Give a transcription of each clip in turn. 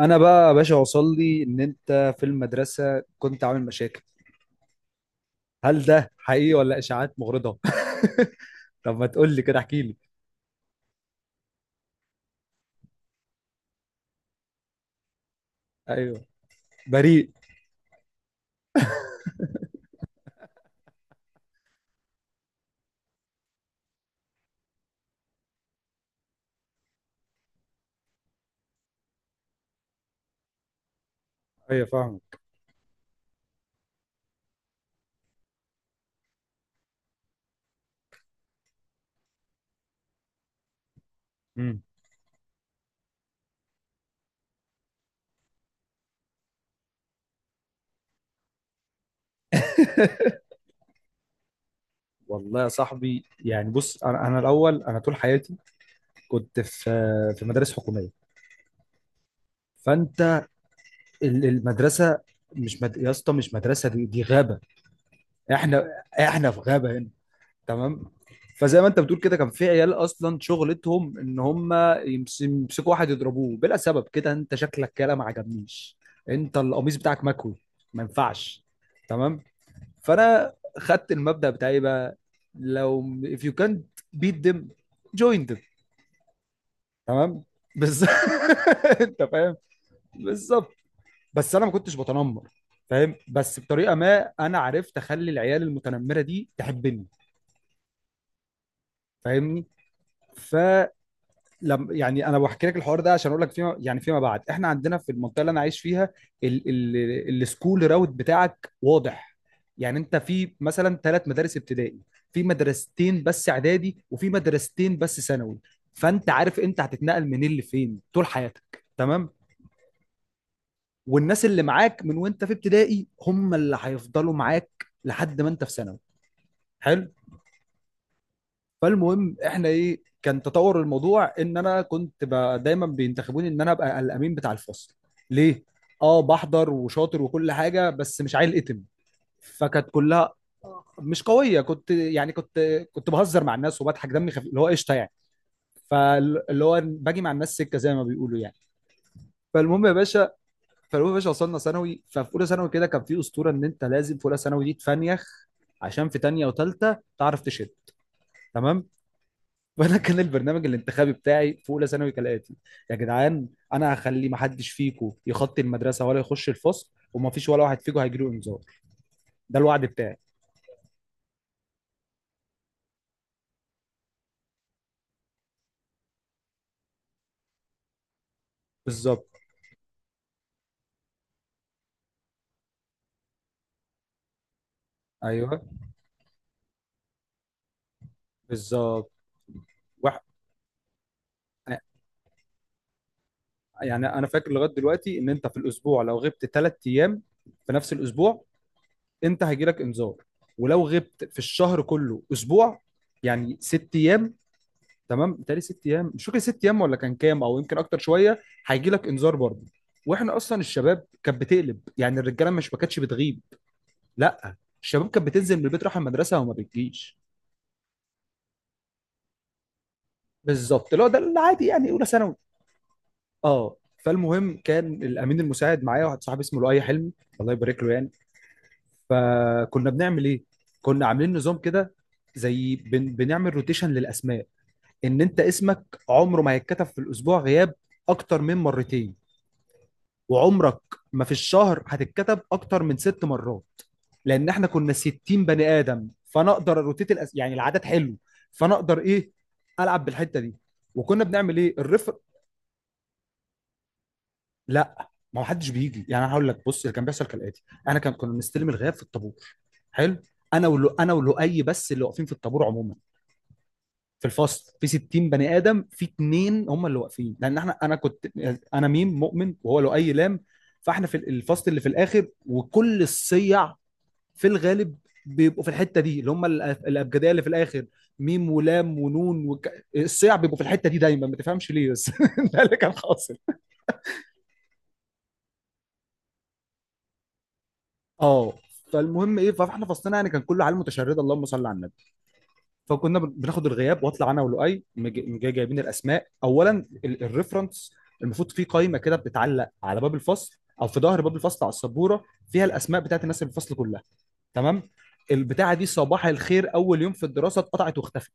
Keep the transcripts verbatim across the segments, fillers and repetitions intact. انا بقى يا باشا، وصل لي ان انت في المدرسه كنت عامل مشاكل. هل ده حقيقي ولا اشاعات مغرضه؟ طب ما تقول لي كده، احكي لي. ايوه. بريء. ايوه فاهمك. امم. والله يا صاحبي، يعني بص، انا انا الاول انا طول حياتي كنت في في مدارس حكوميه. فانت ال- المدرسه، مش مد... يا اسطى، مش مدرسه، دي دي غابه. احنا احنا في غابه هنا، تمام؟ فزي ما انت بتقول كده، كان في عيال اصلا شغلتهم ان هم يمس- يمسكوا واحد يضربوه بلا سبب، كده انت شكلك كده ما عجبنيش، انت القميص بتاعك مكوي، ما ينفعش، تمام. فانا خدت المبدأ بتاعي بقى: لو if you can't beat them join them، تمام؟ بس انت فاهم. بالظبط. بس انا ما كنتش بتنمر، فاهم؟ بس بطريقه ما، انا عرفت اخلي العيال المتنمره دي تحبني، فاهمني؟ ف لما، يعني انا بحكي لك الحوار ده عشان اقول لك، فيما يعني فيما بعد، احنا عندنا في المنطقه اللي انا عايش فيها ال ال السكول راوت بتاعك واضح. يعني انت في مثلا ثلاث مدارس ابتدائي، في مدرستين بس اعدادي، وفي مدرستين بس ثانوي. فانت عارف انت هتتنقل منين لفين طول حياتك، تمام؟ والناس اللي معاك من وانت في ابتدائي، هم اللي هيفضلوا معاك لحد ما انت في ثانوي. حلو. فالمهم، احنا ايه كان تطور الموضوع، ان انا كنت ب- دايما بينتخبوني ان انا ابقى الامين بتاع الفصل. ليه؟ اه بحضر وشاطر وكل حاجه، بس مش عيل اتم. فكانت كلها، مش قويه، كنت يعني كنت كنت بهزر مع الناس وبضحك، دمي خفيف، اللي هو قشطه يعني. فاللي هو باجي مع الناس سكه، زي ما بيقولوا يعني. فالمهم يا باشا، فالمهم يا باشا، وصلنا ثانوي. ففي اولى ثانوي كده كان في اسطوره ان انت لازم في اولى ثانوي دي تفنيخ، عشان في تانية وتالتة تعرف تشد، تمام. فانا كان البرنامج الانتخابي بتاعي في اولى ثانوي كالاتي: يا جدعان، انا هخلي ما حدش فيكم يخطي المدرسه ولا يخش الفصل، وما فيش ولا واحد فيكم هيجي له انذار. ده الوعد بتاعي. بالظبط. ايوه. بالظبط. وح... يعني انا فاكر لغايه دلوقتي ان انت في الاسبوع لو غبت ثلاث ايام في نفس الاسبوع، انت هيجي لك انذار. ولو غبت في الشهر كله اسبوع، يعني ست ايام، تمام، بتهيألي ست ايام، مش فاكر ست ايام ولا كان كام، او يمكن اكتر شويه، هيجي لك انذار برضه. واحنا اصلا الشباب كانت بتقلب، يعني الرجاله، مش ما كانتش بتغيب، لا، الشباب كانت بتنزل من البيت رايحه المدرسه وما بتجيش. بالظبط، اللي هو ده العادي يعني اولى ثانوي. اه. فالمهم، كان الامين المساعد معايا واحد صاحبي اسمه لؤي حلمي، الله يبارك له يعني. فكنا بنعمل ايه؟ كنا عاملين نظام كده، زي بن... بنعمل روتيشن للاسماء، ان انت اسمك عمره ما هيتكتب في الاسبوع غياب اكتر من مرتين، وعمرك ما في الشهر هتتكتب اكتر من ست مرات. لان احنا كنا ستين بني ادم، فانا اقدر روتيت الأس... يعني العدد حلو. فانا اقدر ايه، العب بالحته دي. وكنا بنعمل ايه الرفر. لا، ما حدش بيجي. يعني انا هقول لك، بص اللي كان بيحصل كالاتي: انا كان كنا بنستلم الغياب في الطابور. حلو. انا ولو، انا ولؤي بس اللي واقفين في الطابور عموما، في الفصل في ستين بني ادم، في اتنين هم اللي واقفين، لان احنا انا كنت، انا ميم مؤمن وهو لؤي لام، فاحنا في الفصل اللي في الاخر. وكل الصيع في الغالب بيبقوا في الحته دي، اللي هم ال- الابجديه اللي في الاخر: ميم ولام ونون وك... الصيع بيبقوا في الحته دي دايما، ما تفهمش ليه بس ده اللي كان حاصل. اه. فالمهم ايه، فاحنا فصلنا يعني كان كله عيال متشرده، اللهم صل على النبي. فكنا بن- بناخد الغياب، واطلع انا ولؤي مج- مج- جايبين الاسماء. اولا ال- الريفرنس، المفروض في قائمه كده بتتعلق على باب الفصل او في ظهر باب الفصل على السبوره، فيها الاسماء بتاعت الناس اللي في الفصل كلها، تمام. البتاعه دي صباح الخير اول يوم في الدراسه اتقطعت واختفت.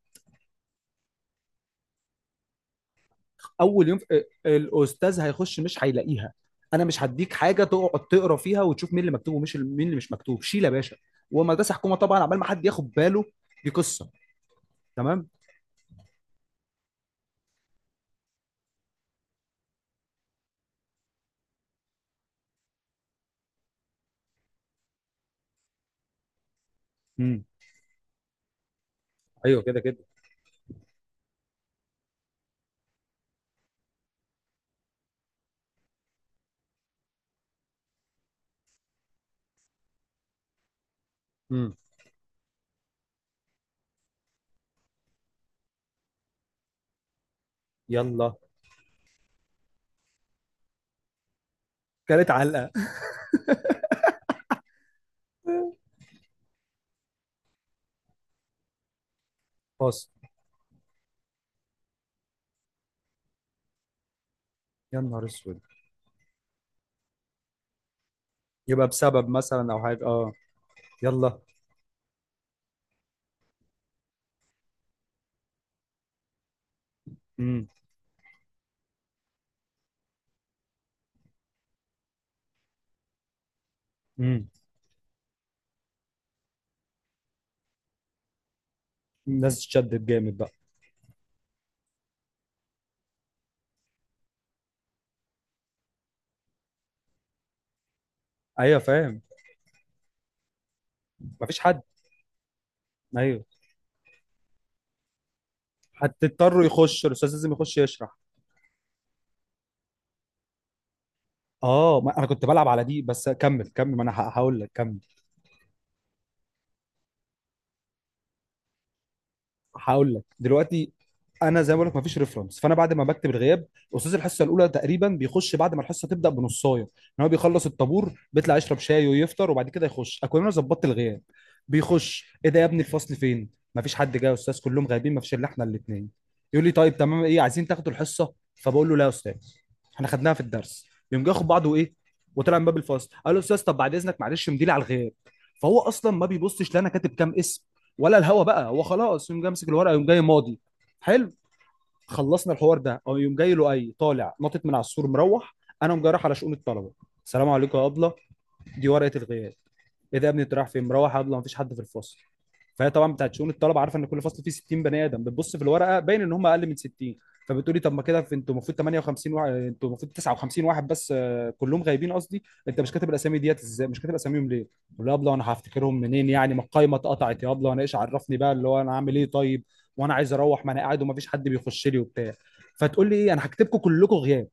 اول يوم في... الاستاذ هيخش مش هيلاقيها، انا مش هديك حاجه تقعد تقرا فيها وتشوف مين اللي مكتوب ومش مين اللي مش مكتوب، شيل يا باشا. ومدرسه حكومه طبعا، عبال ما حد ياخد باله دي قصه، تمام. امم. ايوه كده كده. امم. يلا. كانت علقه. فاصل. يا نهار اسود. يبقى بسبب مثلا او حاجه، اه. يلا. امم. امم. الناس تشدد جامد بقى. ايوه فاهم. مفيش حد. ايوه. هتضطروا يخش الاستاذ لازم يخش يشرح. اه، ما انا كنت بلعب على دي، بس كمل كمل، ما انا هقول لك، كمل. هقول لك دلوقتي. انا زي ما بقول لك مفيش ريفرنس، فانا بعد ما بكتب الغياب، استاذ الحصه الاولى تقريبا بيخش بعد ما الحصه تبدا بنصايه، ان هو بيخلص الطابور بيطلع يشرب شاي ويفطر وبعد كده يخش، اكون انا ظبطت الغياب. بيخش: ايه ده يا ابني الفصل فين؟ مفيش حد جاي يا استاذ، كلهم غايبين، مفيش الا احنا الاثنين. يقول لي طيب تمام، ايه عايزين تاخدوا الحصه؟ فبقول له لا يا استاذ، احنا خدناها في الدرس. يقوم جاي ياخد بعضه ايه، وطلع من باب الفصل، قال له: استاذ طب بعد اذنك معلش مديلي على الغياب. فهو اصلا ما بيبصش لا انا كاتب كام اسم ولا الهوا بقى، هو خلاص يقوم جاي ماسك الورقه يقوم جاي ماضي. حلو. خلصنا الحوار ده، او يقوم جاي له اي طالع، نطت من على السور مروح. انا قوم جاي رايح على شؤون الطلبه. السلام عليكم يا ابله، دي ورقه الغياب. ايه ده يا ابني انت رايح فين؟ مروح يلا، مفيش حد في الفصل. فهي طبعا بتاعت شؤون الطلبه عارفه ان كل فصل فيه ستين بني ادم، بتبص في الورقه، باين ان هم اقل من ستين. فبتقولي طب، ما كده في- انتوا المفروض تمانية وخمسين واحد، انتوا المفروض تسعة وخمسين واحد بس آه، كلهم غايبين قصدي. انت مش كاتب الاسامي ديت ازاي؟ مش كاتب اساميهم ليه؟ يقول لها يابلا وانا هفتكرهم منين يعني، ما القايمه اتقطعت يا يابلا، وانا ايش عرفني بقى اللي هو انا عامل ايه طيب، وانا عايز اروح، ما انا قاعد ومفيش حد بيخش لي وبتاع. فتقول لي ايه، انا هكتبكم كلكم غياب.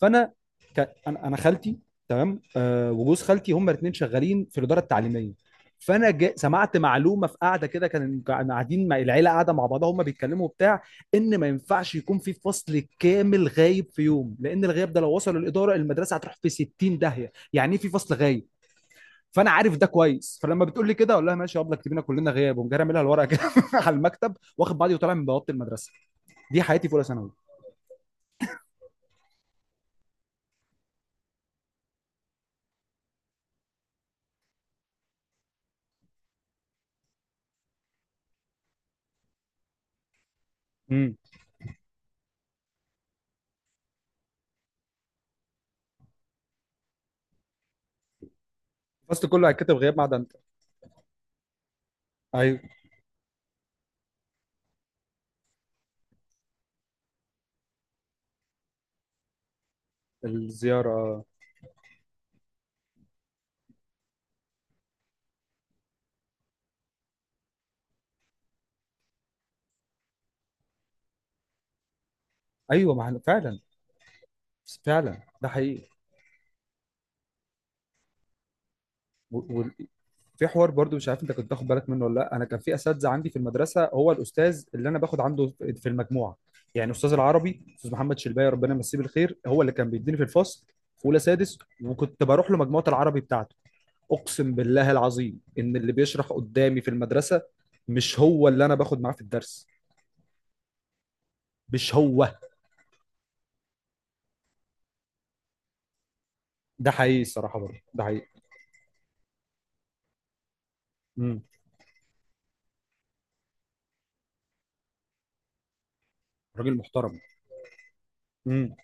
فانا ك... انا، انا خالتي تمام آه وجوز خالتي هم الاثنين شغالين في الاداره التعليميه. فانا جا... سمعت معلومه في قاعده كده، كان كان قاعدين مع العيله قاعده مع بعضها هم بيتكلموا بتاع، ان ما ينفعش يكون في فصل كامل غايب في يوم، لان الغياب ده لو وصل للاداره المدرسه هتروح في ستين داهيه، يعني ايه في فصل غايب. فانا عارف ده كويس، فلما بتقول لي كده اقول لها ماشي يا ابله اكتبينا كلنا غياب، ومجرى اعملها الورقه كده على المكتب، واخد بعضي وطالع من بوابه المدرسه. دي حياتي في اولى ثانوي. امم. الفصل كله هيتكتب غياب ما عدا انت. ايوه. الزيارة آه. ايوه ما احنا فعلا، فعلا ده حقيقي. وفي حوار برضو مش عارف انت كنت تاخد بالك منه ولا لا، انا كان في اساتذه عندي في المدرسه، هو الاستاذ اللي انا باخد عنده في في المجموعه. يعني استاذ العربي، استاذ محمد شلباي، ربنا يمسيه بالخير، هو اللي كان بيديني في الفصل في اولى سادس، وكنت بروح له مجموعه العربي بتاعته. اقسم بالله العظيم ان اللي بيشرح قدامي في المدرسه مش هو اللي انا باخد معاه في الدرس، مش هو. ده حقيقي الصراحه، برضه ده حقيقي. امم. راجل محترم. امم.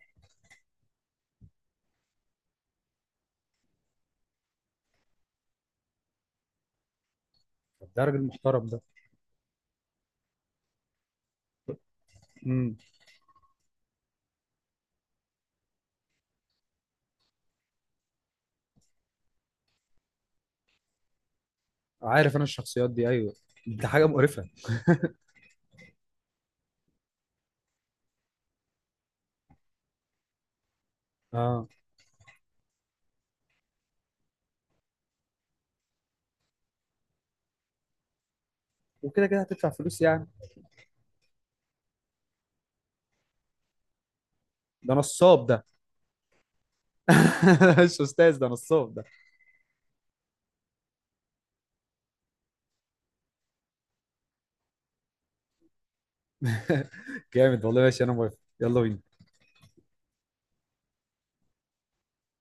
ده راجل محترم، ده. عارف انا الشخصيات دي، ايوه. دي حاجه مقرفه. اه. وكده كده هتدفع فلوس يعني. ده نصاب ده. مش استاذ، ده نصاب ده. جامد والله، ماشي انا موافق، يلا بينا.